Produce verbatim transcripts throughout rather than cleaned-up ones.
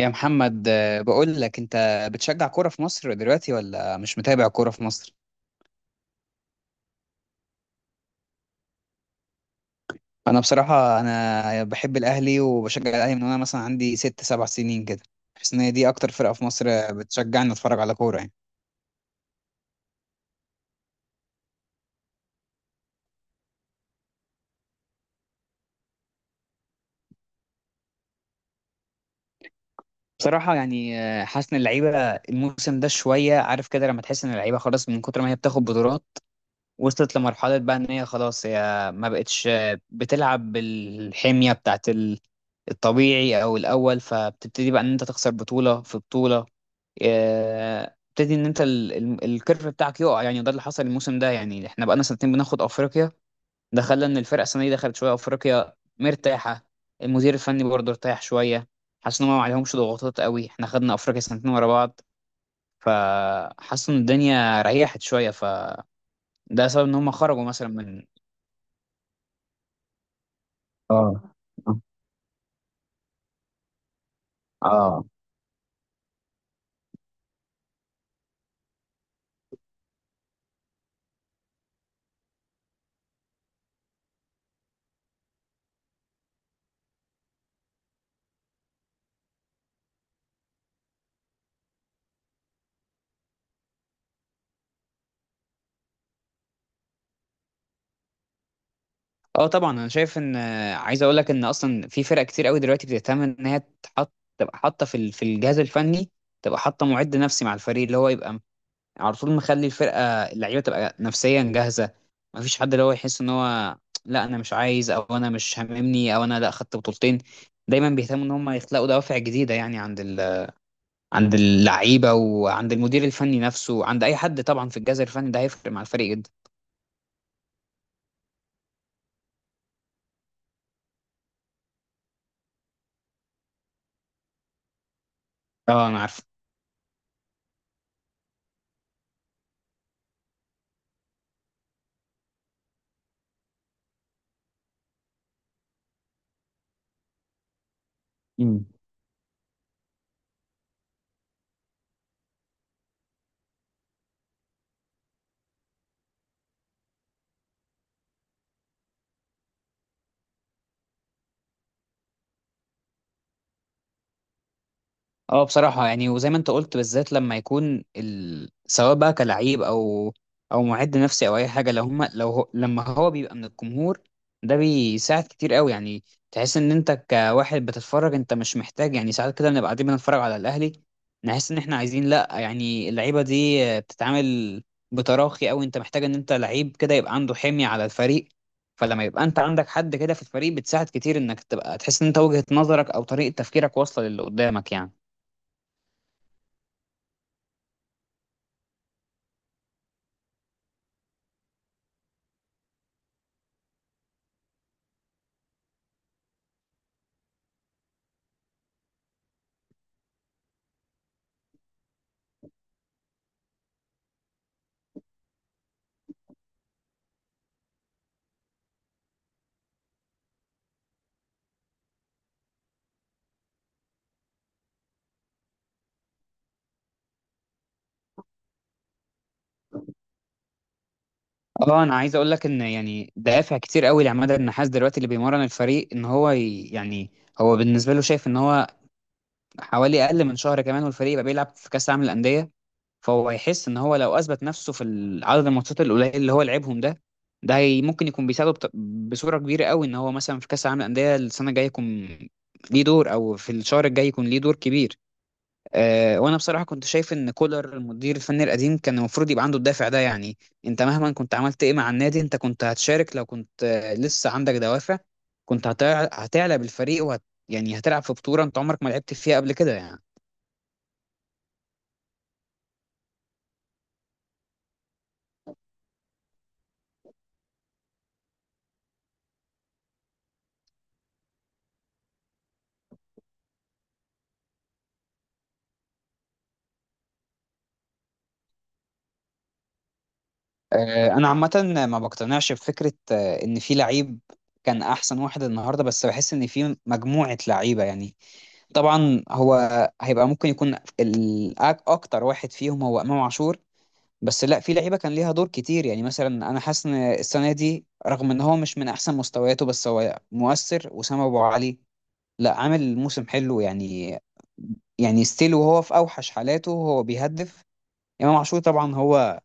يا محمد، آه، بقول لك انت بتشجع كوره في مصر دلوقتي ولا مش متابع كوره في مصر؟ انا بصراحه، انا بحب الاهلي وبشجع الاهلي من وانا مثلا عندي ست سبع سنين كده. بحس ان هي دي اكتر فرقه في مصر آه، بتشجعني اتفرج على كوره يعني. بصراحه يعني آه، حاسس ان اللعيبه الموسم ده شويه، عارف كده لما تحس ان اللعيبه خلاص من كتر ما هي بتاخد بطولات، وصلت لمرحله بقى ان هي خلاص هي ما بقتش آه، بتلعب بالحميه بتاعت ال- الطبيعي او الاول، فبتبتدي بقى ان انت تخسر بطوله في بطوله. آه، ابتدي ان انت ال- ال- الكيرف بتاعك يقع، يعني ده اللي حصل الموسم ده. يعني احنا بقالنا سنتين بناخد افريقيا، ده خلى ان الفرقه السنه دي دخلت شويه افريقيا مرتاحه. المدير الفني برضه ارتاح شويه، حاسس ان هم ما عليهمش ضغوطات قوي. احنا خدنا افريقيا سنتين ورا بعض، فحاسس ان الدنيا ريحت شويه، فده سبب ان هم خرجوا مثلا من. اه. اه. اه طبعا، انا شايف ان آه، عايز اقول لك ان اصلا في فرق كتير قوي دلوقتي بتهتم ان هي تحط، تبقى حاطه في ال- في الجهاز الفني، تبقى حاطه معد نفسي مع الفريق، اللي هو يبقى على طول مخلي الفرقه اللعيبه تبقى نفسيا جاهزه. ما فيش حد اللي هو يحس ان هو لا انا مش عايز، او انا مش هاممني، او انا لا خدت بطولتين. دايما بيهتموا ان هم يخلقوا دوافع جديده، يعني عند ال... عند اللعيبه وعند المدير الفني نفسه وعند اي حد طبعا في الجهاز الفني، ده هيفرق مع الفريق جدا. اه. انا عارف. اه بصراحة يعني، وزي ما انت قلت، بالذات لما يكون ال... سواء بقى كلعيب او او معد نفسي او اي حاجة، لو هم لو هو... لما هو بيبقى من الجمهور، ده بيساعد كتير قوي يعني. تحس ان انت كواحد بتتفرج، انت مش محتاج، يعني ساعات كده بنبقى قاعدين بنتفرج على الاهلي، نحس ان احنا عايزين لا، يعني اللعيبة دي بتتعامل بتراخي قوي. انت محتاج ان انت لعيب كده يبقى عنده حمية على الفريق، فلما يبقى انت عندك حد كده في الفريق، بتساعد كتير انك تبقى تحس ان انت وجهة نظرك او طريقة تفكيرك واصلة للي قدامك يعني. اه انا عايز اقول لك ان يعني دوافع كتير قوي لعماد النحاس دلوقتي اللي بيمرن الفريق، ان هو ي- يعني هو بالنسبه له شايف ان هو حوالي اقل من شهر كمان والفريق يبقى بيلعب في كاس العالم للانديه. فهو هيحس ان هو لو اثبت نفسه في ال- عدد الماتشات القليل اللي هو لعبهم ده، ده هي ممكن يكون بيساعده بط- بصوره كبيره قوي ان هو مثلا في كاس العالم للانديه السنه الجايه يكون ليه دور، او في الشهر الجاي يكون ليه دور كبير. آه، وانا بصراحه كنت شايف ان كولر المدير الفني القديم كان المفروض يبقى عنده الدافع ده يعني. انت مهما كنت عملت ايه مع النادي، انت كنت هتشارك لو كنت آه، لسه عندك دوافع. كنت هتع- هتعلى بالفريق، وهت، يعني هتلعب في بطوله انت عمرك ما لعبت فيها قبل كده يعني. آه، انا عامه ما بقتنعش بفكره آه، ان في لعيب كان احسن واحد النهارده، بس بحس ان في مجموعه لعيبه يعني. طبعا هو هيبقى ممكن يكون ال- أك- اكتر واحد فيهم هو امام عاشور، بس لا، في لعيبه كان ليها دور كتير يعني. مثلا انا حاسس ان السنه دي، رغم ان هو مش من احسن مستوياته، بس هو مؤثر، وسام ابو علي. لا عامل موسم حلو يعني. يعني ستيل وهو في اوحش حالاته هو بيهدف. امام عاشور طبعا هو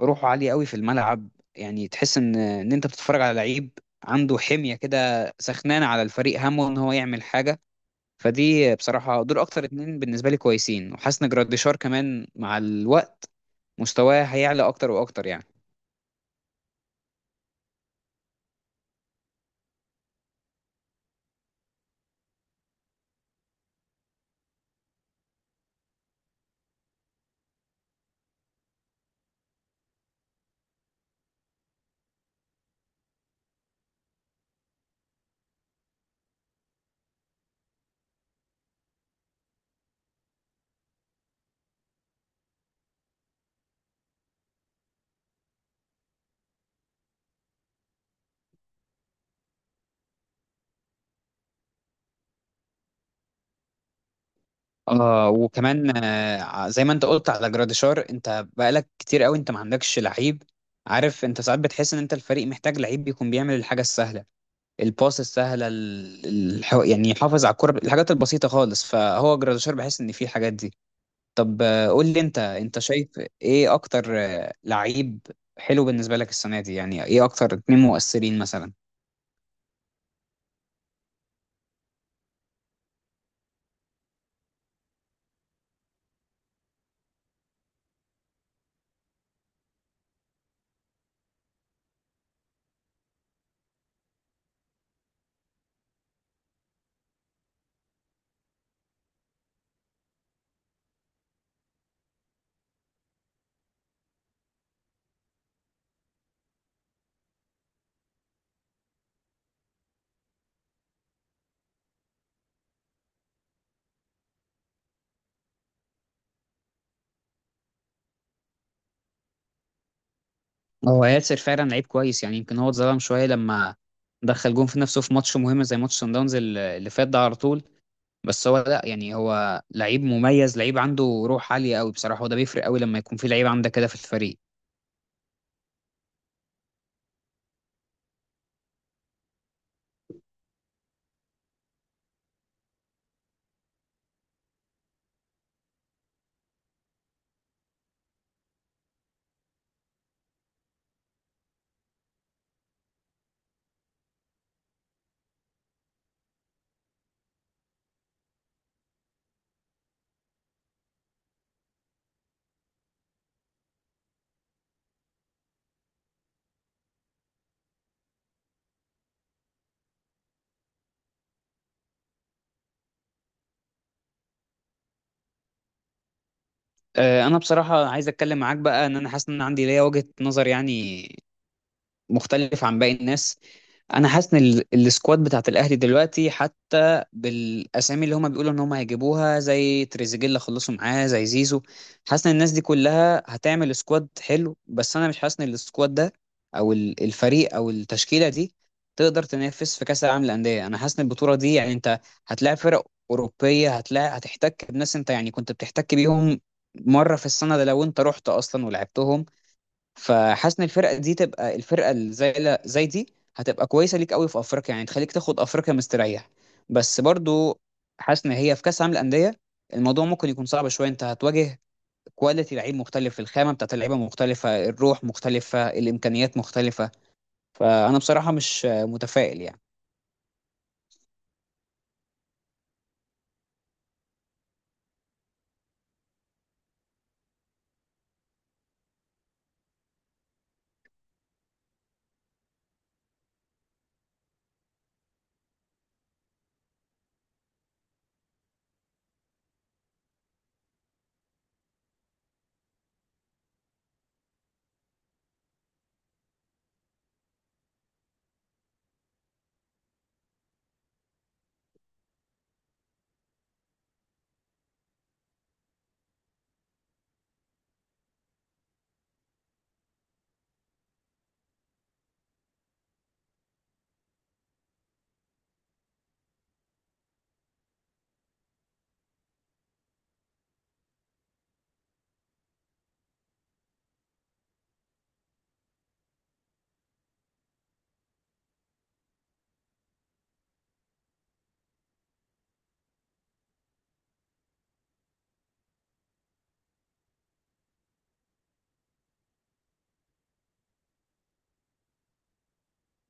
روحه عاليه قوي في الملعب. يعني تحس ان ان انت بتتفرج على لعيب عنده حميه كده، سخنانه على الفريق، همه ان هو يعمل حاجه. فدي بصراحه دول اكتر اتنين بالنسبه لي كويسين. وحاسس ان جراديشار كمان مع الوقت مستواه هيعلى اكتر واكتر يعني. اه وكمان آه، زي ما انت قلت على جراديشار، انت بقالك كتير قوي انت ما عندكش لعيب، عارف. انت ساعات بتحس ان انت الفريق محتاج لعيب بيكون بيعمل الحاجه السهله، الباس السهله، ال- الح... يعني يحافظ على الكره، الحاجات البسيطه خالص، فهو جراديشار بحس ان في الحاجات دي. طب آه، قول لي انت، انت شايف ايه اكتر آه، لعيب حلو بالنسبه لك السنه دي، يعني ايه اكتر اتنين مؤثرين مثلا؟ هو ياسر فعلا لعيب كويس يعني، يمكن هو اتظلم شويه لما دخل جون في نفسه في ماتش مهم زي ماتش سان داونز ال- اللي فات ده على طول، بس هو لا يعني، هو لعيب مميز، لعيب عنده روح عاليه قوي بصراحه، وده بيفرق قوي لما يكون في لعيب عندك كده في الفريق. آه، انا بصراحه عايز اتكلم معاك بقى ان انا حاسس ان أنا عندي ليا وجهه نظر يعني مختلف عن باقي الناس. انا حاسس ان ال- السكواد بتاعت الاهلي دلوقتي، حتى بالاسامي اللي هما بيقولوا ان هما هيجيبوها زي تريزيجيه خلصوا معاه، زي زيزو، حاسس ان الناس دي كلها هتعمل سكواد حلو، بس انا مش حاسس ان السكواد ده، او ال- الفريق او التشكيله دي، تقدر تنافس في كاس العالم للانديه. انا حاسس ان البطوله دي يعني انت هتلاعب فرق اوروبيه، هتلاعب، هتحتك بناس انت يعني كنت بتحتك بيهم مره في السنه ده لو انت رحت اصلا ولعبتهم. فحاسس ان الفرقه دي تبقى الفرقه اللي زي لا- زي دي هتبقى كويسه ليك قوي في افريقيا يعني، تخليك تاخد افريقيا مستريح، بس برضو حاسس ان هي في كاس عالم الانديه الموضوع ممكن يكون صعب شويه. انت هتواجه كواليتي لعيب مختلف، الخامه بتاعت اللعيبه مختلفه، الروح مختلفه، الامكانيات مختلفه. فانا بصراحه مش متفائل يعني.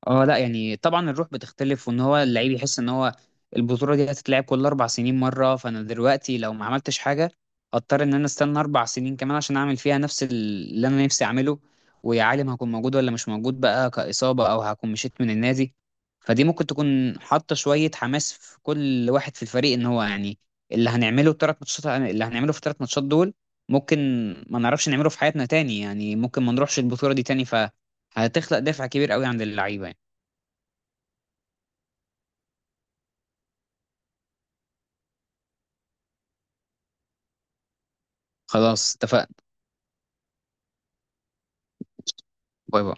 اه لا يعني طبعا الروح بتختلف، وان هو اللعيب يحس ان هو البطوله دي هتتلعب كل اربع سنين مره. فانا دلوقتي لو ما عملتش حاجه، هضطر ان انا استنى اربع سنين كمان عشان اعمل فيها نفس اللي انا نفسي اعمله. ويا عالم هكون موجود ولا مش موجود بقى، كاصابه، او هكون مشيت من النادي. فدي ممكن تكون حاطه شويه حماس في كل واحد في الفريق، ان هو يعني اللي هنعمله الثلاث ماتشات اللي هنعمله في الثلاث ماتشات دول ممكن ما نعرفش نعمله في حياتنا تاني يعني، ممكن ما نروحش البطوله دي تاني، ف هتخلق دافع كبير قوي عند اللعيبه يعني. خلاص، اتفقنا. باي باي.